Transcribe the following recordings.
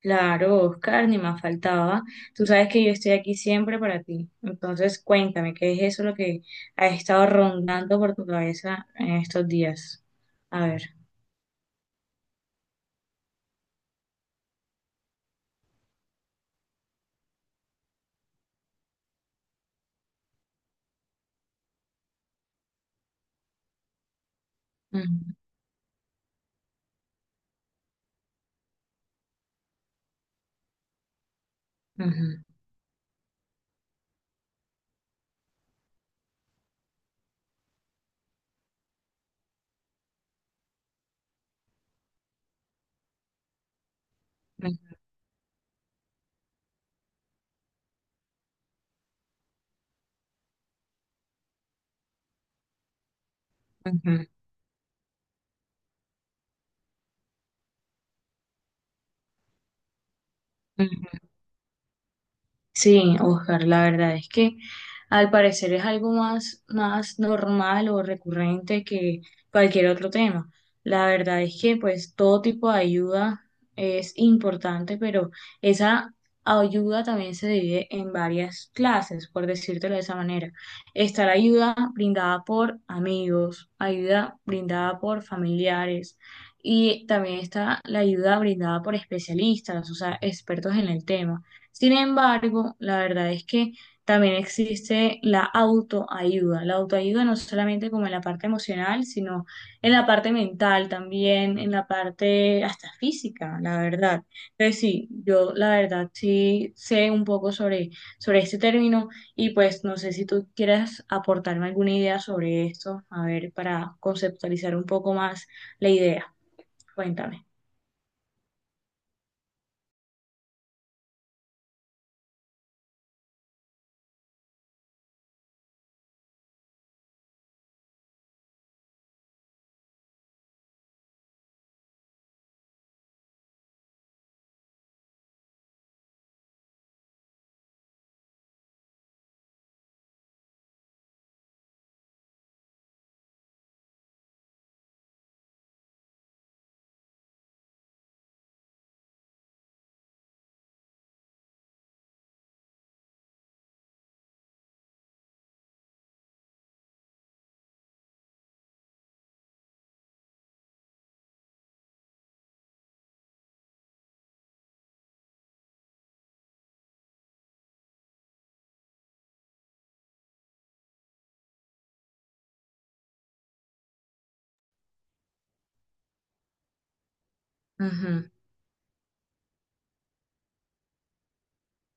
Claro, Oscar, ni más faltaba. Tú sabes que yo estoy aquí siempre para ti. Entonces, cuéntame, ¿qué es eso lo que ha estado rondando por tu cabeza en estos días? A ver. Ujú, ujú, ujú, ujú, ujú. Sí, Oscar, la verdad es que al parecer es algo más normal o recurrente que cualquier otro tema. La verdad es que pues todo tipo de ayuda es importante, pero esa ayuda también se divide en varias clases, por decírtelo de esa manera. Está la ayuda brindada por amigos, ayuda brindada por familiares y también está la ayuda brindada por especialistas, o sea, expertos en el tema. Sin embargo, la verdad es que también existe la autoayuda. La autoayuda no solamente como en la parte emocional, sino en la parte mental también, en la parte hasta física, la verdad. Entonces sí, yo la verdad sí sé un poco sobre este término y pues no sé si tú quieras aportarme alguna idea sobre esto, a ver, para conceptualizar un poco más la idea. Cuéntame.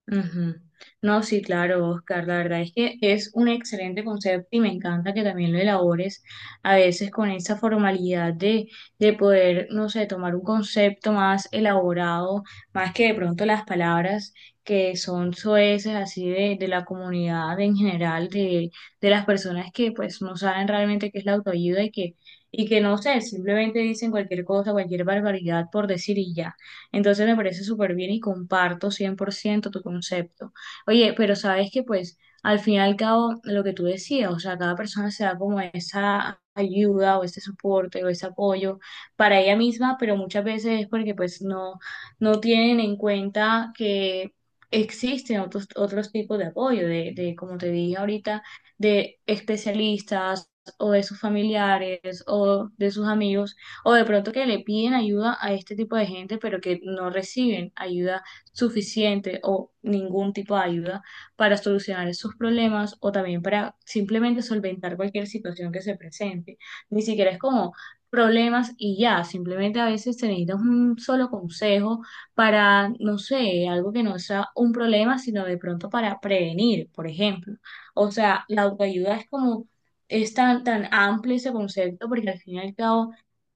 Ujú. No, sí, claro, Oscar, la verdad es que es un excelente concepto y me encanta que también lo elabores a veces con esa formalidad de poder, no sé, tomar un concepto más elaborado, más que de pronto las palabras que son soeces así de la comunidad en general, de las personas que pues no saben realmente qué es la autoayuda y que no sé, simplemente dicen cualquier cosa, cualquier barbaridad por decir y ya. Entonces me parece súper bien y comparto 100% tu concepto. Oye, pero sabes que pues al fin y al cabo lo que tú decías, o sea, cada persona se da como esa ayuda o ese soporte o ese apoyo para ella misma, pero muchas veces es porque pues no, no tienen en cuenta que existen otros tipos de apoyo, de como te dije ahorita, de especialistas o de sus familiares o de sus amigos o de pronto que le piden ayuda a este tipo de gente, pero que no reciben ayuda suficiente o ningún tipo de ayuda para solucionar sus problemas o también para simplemente solventar cualquier situación que se presente. Ni siquiera es como problemas y ya, simplemente a veces se necesita un solo consejo para, no sé, algo que no sea un problema, sino de pronto para prevenir, por ejemplo. O sea, la autoayuda es como, es tan, tan amplio ese concepto porque al fin y al cabo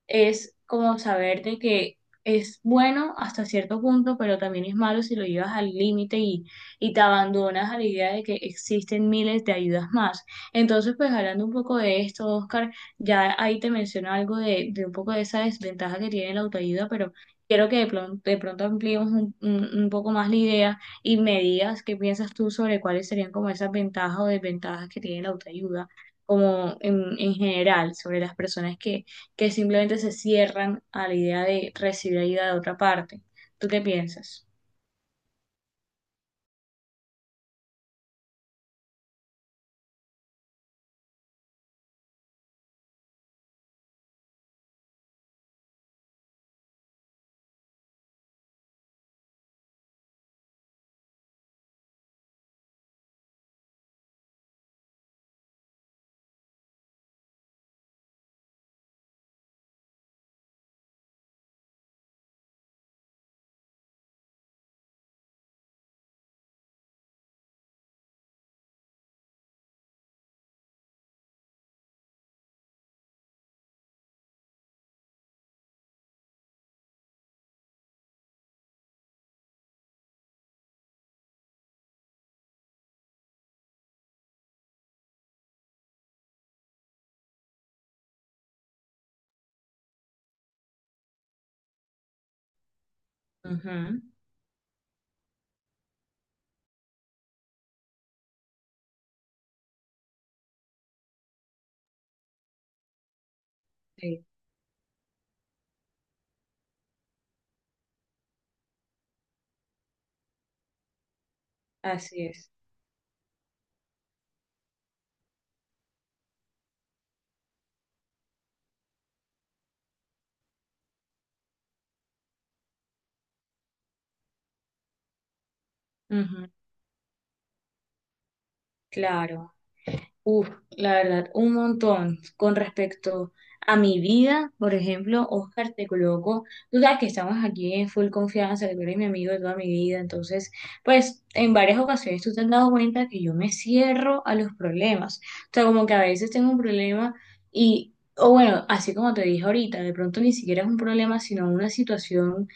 es como saber de que es bueno hasta cierto punto, pero también es malo si lo llevas al límite y te abandonas a la idea de que existen miles de ayudas más. Entonces, pues hablando un poco de esto, Oscar, ya ahí te menciono algo de un poco de esa desventaja que tiene la autoayuda, pero quiero que de pronto ampliemos un poco más la idea y me digas qué piensas tú sobre cuáles serían como esas ventajas o desventajas que tiene la autoayuda, como en general, sobre las personas que simplemente se cierran a la idea de recibir ayuda de otra parte. ¿Tú qué piensas? Ujú, sí, así es. Ujú, claro. Uf, la verdad, un montón con respecto a mi vida, por ejemplo, Oscar, te coloco, tú sabes que estamos aquí en full confianza, que tú eres mi amigo de toda mi vida, entonces, pues, en varias ocasiones tú te has dado cuenta que yo me cierro a los problemas, o sea, como que a veces tengo un problema y, o bueno, así como te dije ahorita, de pronto ni siquiera es un problema, sino una situación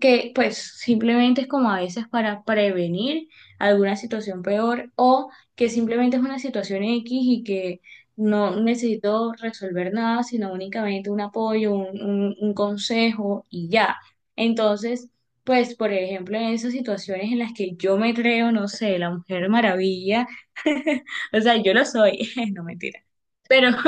que pues simplemente es como a veces para prevenir alguna situación peor o que simplemente es una situación X y que no necesito resolver nada, sino únicamente un apoyo, un consejo y ya. Entonces, pues por ejemplo, en esas situaciones en las que yo me creo, no sé, la Mujer Maravilla, o sea, yo lo soy, no mentira, pero...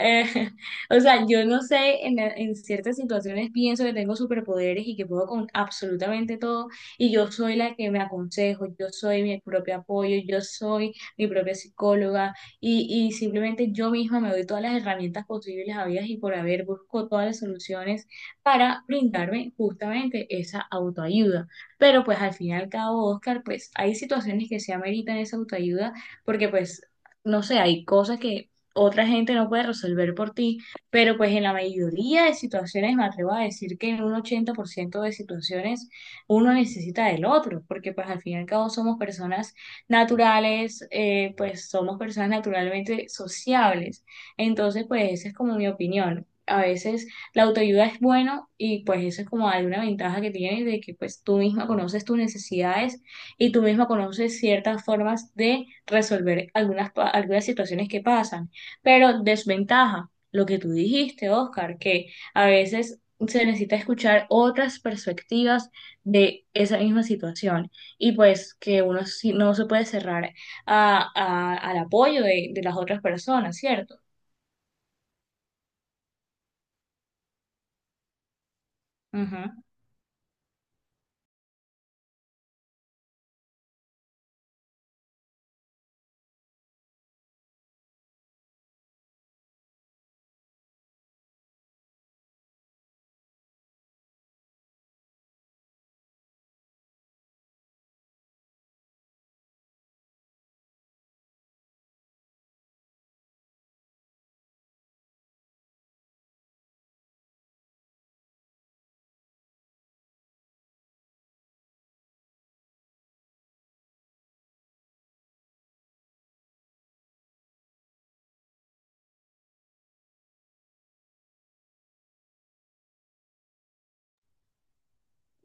Eh, o sea, yo no sé, en ciertas situaciones pienso que tengo superpoderes y que puedo con absolutamente todo, y yo soy la que me aconsejo, yo soy mi propio apoyo, yo soy mi propia psicóloga, y simplemente yo misma me doy todas las herramientas posibles, habidas y por haber, busco todas las soluciones para brindarme justamente esa autoayuda. Pero pues al fin y al cabo, Oscar, pues hay situaciones que se ameritan esa autoayuda, porque pues no sé, hay cosas que otra gente no puede resolver por ti, pero pues en la mayoría de situaciones me atrevo a decir que en un 80% de situaciones uno necesita del otro, porque pues al fin y al cabo somos personas naturales, pues somos personas naturalmente sociables. Entonces pues esa es como mi opinión. A veces la autoayuda es bueno y pues eso es como alguna ventaja que tienes de que pues tú misma conoces tus necesidades y tú misma conoces ciertas formas de resolver algunas, algunas situaciones que pasan. Pero desventaja, lo que tú dijiste, Oscar, que a veces se necesita escuchar otras perspectivas de esa misma situación y pues que uno no se puede cerrar al apoyo de las otras personas, ¿cierto? Ujú.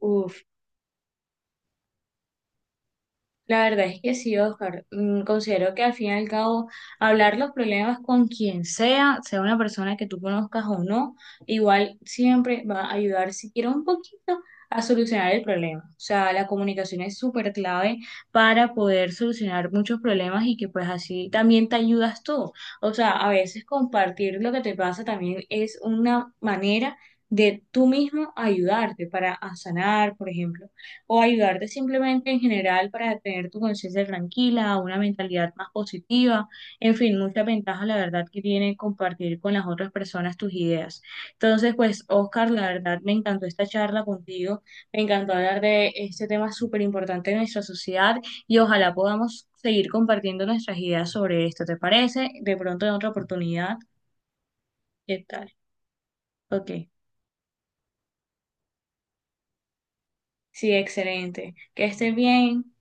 Uf. La verdad es que sí, Oscar. Considero que al fin y al cabo hablar los problemas con quien sea, sea una persona que tú conozcas o no, igual siempre va a ayudar siquiera un poquito a solucionar el problema. O sea, la comunicación es súper clave para poder solucionar muchos problemas y que pues así también te ayudas tú. O sea, a veces compartir lo que te pasa también es una manera de tú mismo ayudarte para a sanar, por ejemplo o ayudarte simplemente en general para tener tu conciencia tranquila, una mentalidad más positiva, en fin, muchas ventajas la verdad que tiene compartir con las otras personas tus ideas. Entonces, pues, Oscar, la verdad me encantó esta charla contigo, me encantó hablar de este tema súper importante de nuestra sociedad y ojalá podamos seguir compartiendo nuestras ideas sobre esto, ¿te parece? De pronto en otra oportunidad, ¿qué tal? Ok, sí, excelente. Que estés bien.